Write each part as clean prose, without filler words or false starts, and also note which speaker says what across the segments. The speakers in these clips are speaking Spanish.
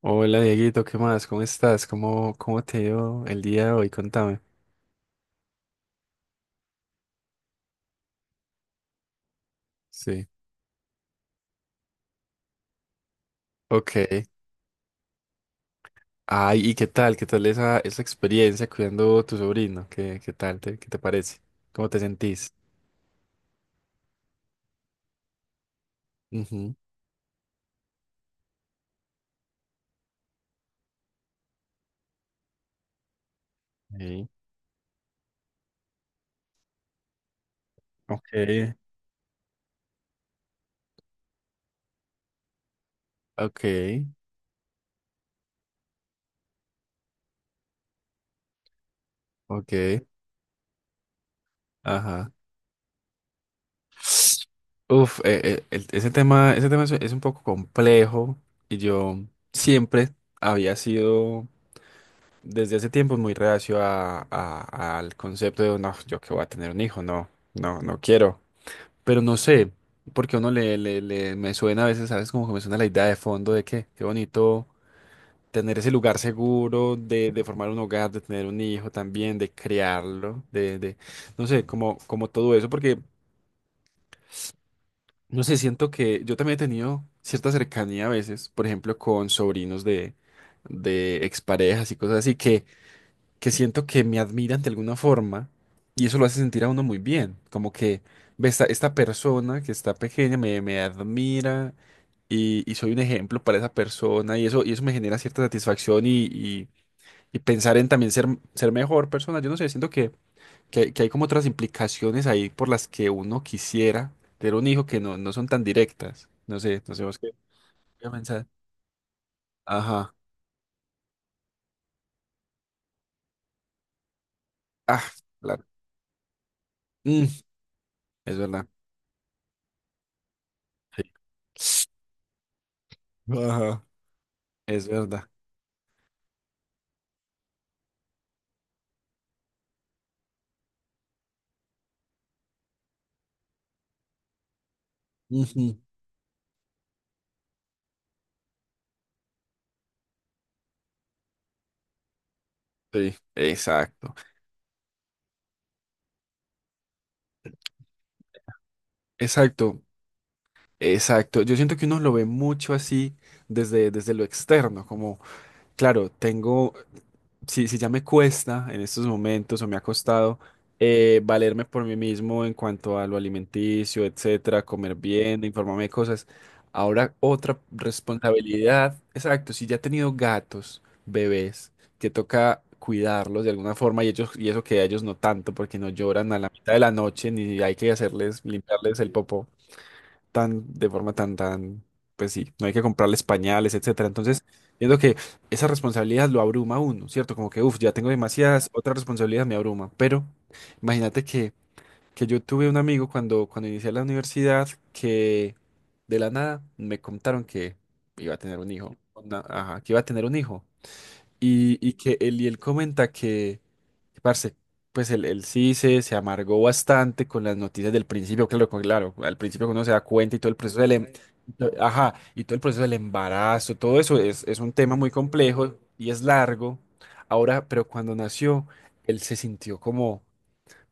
Speaker 1: Hola Dieguito, ¿qué más? ¿Cómo estás? ¿Cómo te dio el día de hoy? Contame. Sí. Ok. Ay, ¿y qué tal? ¿Qué tal esa experiencia cuidando tu sobrino? ¿Qué tal? ¿Qué te parece? ¿Cómo te sentís? Ujú. Sí. Ok. Ok. Ok. Ajá. Uf, ese tema es un poco complejo, y yo siempre había sido desde hace tiempo muy reacio a, al concepto de, no, yo que voy a tener un hijo, no, no, no quiero. Pero no sé, porque a uno me suena a veces, ¿sabes? Como que me suena la idea de fondo de que qué bonito tener ese lugar seguro de, formar un hogar, de tener un hijo también, de criarlo, no sé, como todo eso, porque no sé, siento que yo también he tenido cierta cercanía a veces, por ejemplo, con sobrinos de exparejas y cosas así, que siento que me admiran de alguna forma, y eso lo hace sentir a uno muy bien, como que ve esta persona que está pequeña, me admira, y soy un ejemplo para esa persona, y eso me genera cierta satisfacción, y pensar en también ser mejor persona. Yo no sé, siento que hay como otras implicaciones ahí por las que uno quisiera tener un hijo que no son tan directas. No sé, no sé vos qué pensás. Ajá. Ah, claro. Mm, es verdad. Sí. Ajá. Es verdad. Ujú. Sí, exacto, exacto, exacto. Yo siento que uno lo ve mucho así desde lo externo, como, claro, tengo si ya me cuesta en estos momentos, o me ha costado valerme por mí mismo en cuanto a lo alimenticio, etcétera, comer bien, informarme de cosas, ahora otra responsabilidad, exacto, si ya he tenido gatos, bebés, que toca cuidarlos de alguna forma, y ellos, y eso que a ellos no tanto, porque no lloran a la mitad de la noche ni hay que hacerles limpiarles el popó tan, de forma pues sí, no hay que comprarles pañales, etcétera. Entonces, viendo que esa responsabilidad lo abruma a uno, ¿cierto? Como que, uff, ya tengo demasiadas, otra responsabilidad me abruma. Pero imagínate que yo tuve un amigo cuando inicié la universidad, que de la nada me contaron que iba a tener un hijo. Ajá, que iba a tener un hijo. Y y él comenta parce, pues él sí se amargó bastante con las noticias del principio, claro, claro, al principio, cuando uno se da cuenta, y todo el proceso del, em- y to- ajá, y todo el proceso del embarazo, todo eso es un tema muy complejo y es largo. Ahora, pero cuando nació, él se sintió como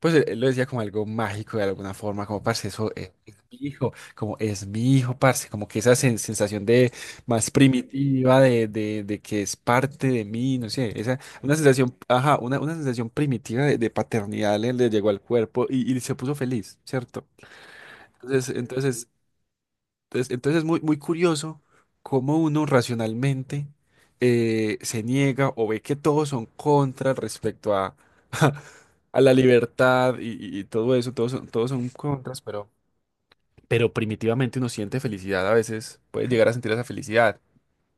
Speaker 1: pues él lo decía, como algo mágico de alguna forma, como parce, eso es mi hijo, como es mi hijo, parce, como que esa sensación de más primitiva, de que es parte de mí, no sé, esa, una sensación, ajá, una sensación primitiva de paternidad le llegó al cuerpo, y se puso feliz, ¿cierto? Entonces, entonces entonces es muy, muy curioso cómo uno racionalmente se niega, o ve que todos son contra respecto a, a la libertad, y todo eso, todos son contras, pero primitivamente uno siente felicidad a veces, puede llegar a sentir esa felicidad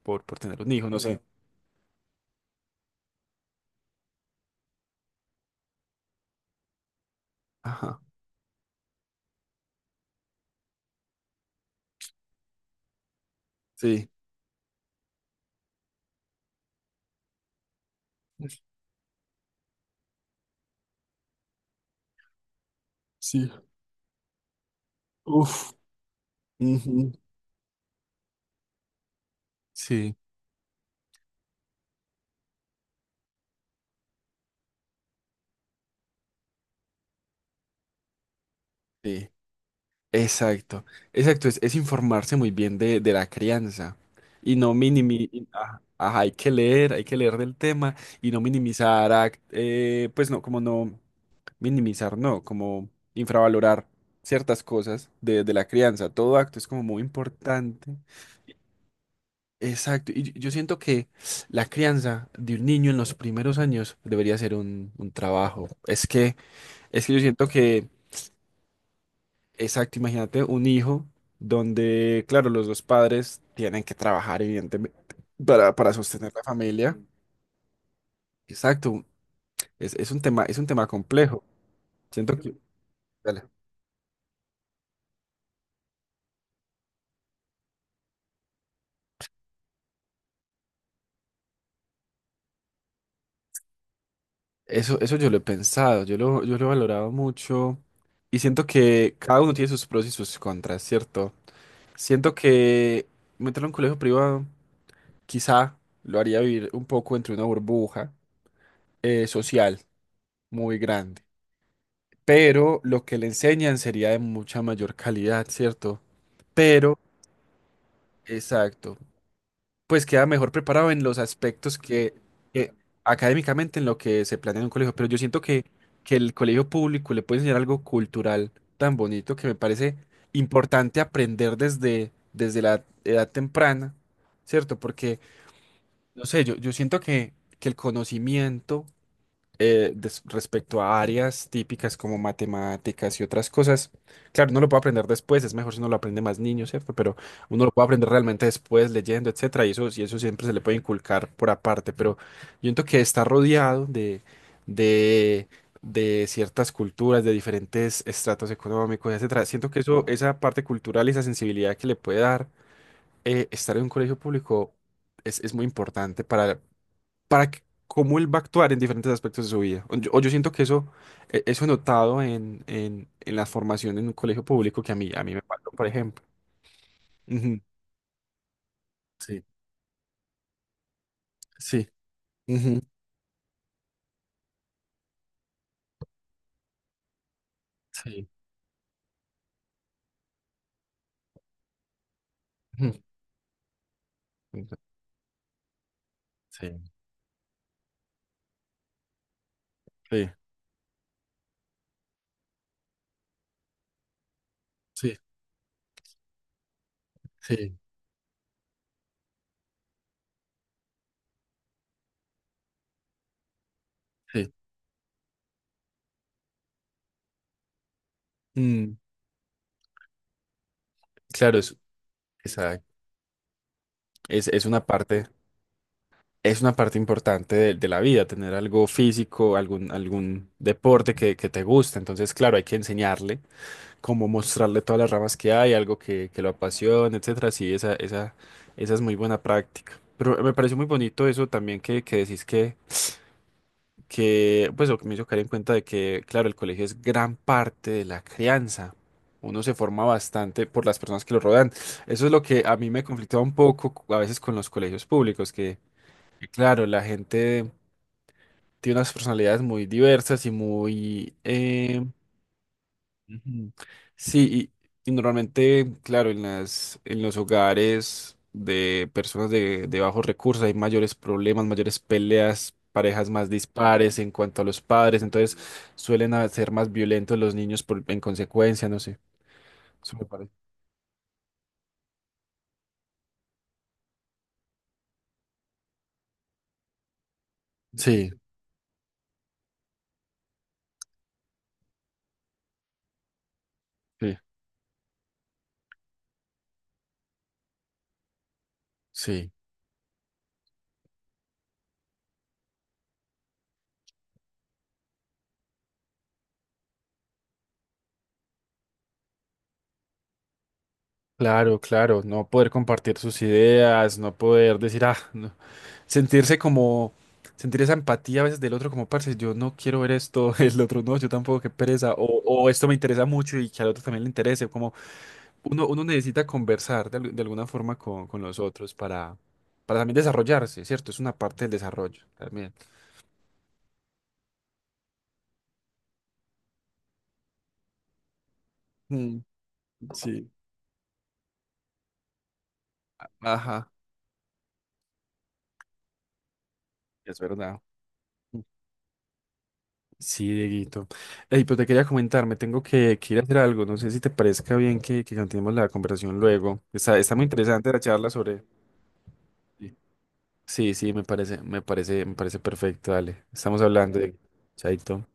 Speaker 1: por tener un hijo, no sé. Ajá, sí. Sí. Uf. Ujú. Sí. Sí. Exacto, exacto, es informarse muy bien de la crianza, y no minimizar, ajá, ajá, hay que leer del tema, y no minimizar, pues no, como no minimizar, no, como infravalorar ciertas cosas de la crianza, todo acto es como muy importante. Exacto, y yo siento que la crianza de un niño en los primeros años debería ser un trabajo. Es que yo siento que, exacto, imagínate un hijo donde, claro, los dos padres tienen que trabajar, evidentemente, para sostener la familia. Exacto, es un tema complejo. Siento que. Dale. Eso yo lo he pensado, yo lo he valorado mucho, y siento que cada uno tiene sus pros y sus contras, ¿cierto? Siento que meterlo en un colegio privado quizá lo haría vivir un poco entre una burbuja social muy grande, pero lo que le enseñan sería de mucha mayor calidad, ¿cierto? Pero, exacto, pues queda mejor preparado en los aspectos que académicamente en lo que se planea en un colegio, pero yo siento que el colegio público le puede enseñar algo cultural tan bonito que me parece importante aprender desde la edad temprana, ¿cierto? Porque no sé, yo siento que el conocimiento respecto a áreas típicas, como matemáticas y otras cosas. Claro, no lo puede aprender después, es mejor si uno lo aprende más niño, ¿cierto? Pero uno lo puede aprender realmente después, leyendo, etcétera, y eso siempre se le puede inculcar por aparte, pero yo siento que está rodeado de, de ciertas culturas, de diferentes estratos económicos, etcétera. Siento que eso, esa parte cultural y esa sensibilidad que le puede dar estar en un colegio público es muy importante para que- cómo él va a actuar en diferentes aspectos de su vida. o yo, siento que eso, eso he notado en la formación en un colegio público que a mí me faltó, por ejemplo. Ujú, sí, sí. Ujú, sí, ujú, sí, sí. Sí, sí, sí. Mm, claro, esa- es, es una parte, es una parte importante de la vida, tener algo físico, algún deporte que te guste. Entonces, claro, hay que enseñarle, como mostrarle todas las ramas que hay, algo que lo apasiona, etcétera. Sí, esa es muy buena práctica. Pero me pareció muy bonito eso también que decís pues, o que me hizo caer en cuenta de que, claro, el colegio es gran parte de la crianza. Uno se forma bastante por las personas que lo rodean. Eso es lo que a mí me conflictaba un poco a veces con los colegios públicos, claro, la gente tiene unas personalidades muy diversas y muy, ujú. Sí, y normalmente, claro, en las, en los hogares de personas de, bajos recursos hay mayores problemas, mayores peleas, parejas más dispares en cuanto a los padres, entonces suelen ser más violentos los niños en consecuencia, no sé. Eso me parece. Sí, sí, sí. Claro, claro, no poder compartir sus ideas, no poder decir, ah, no. Sentirse como, sentir esa empatía a veces del otro como, parce, yo no quiero ver esto, el otro no, yo tampoco, qué pereza, o esto me interesa mucho, y que al otro también le interese, como uno necesita conversar de alguna forma con los otros para, también desarrollarse, ¿cierto? Es una parte del desarrollo también. Mm, sí. Ajá, es verdad. Sí, Dieguito. Ey, pero te quería comentar, me tengo que ir a hacer algo. No sé si te parezca bien que continuemos la conversación luego. Está muy interesante la charla sobre. Sí, sí, me parece, me parece, me parece perfecto, dale. Estamos hablando de. Chaito.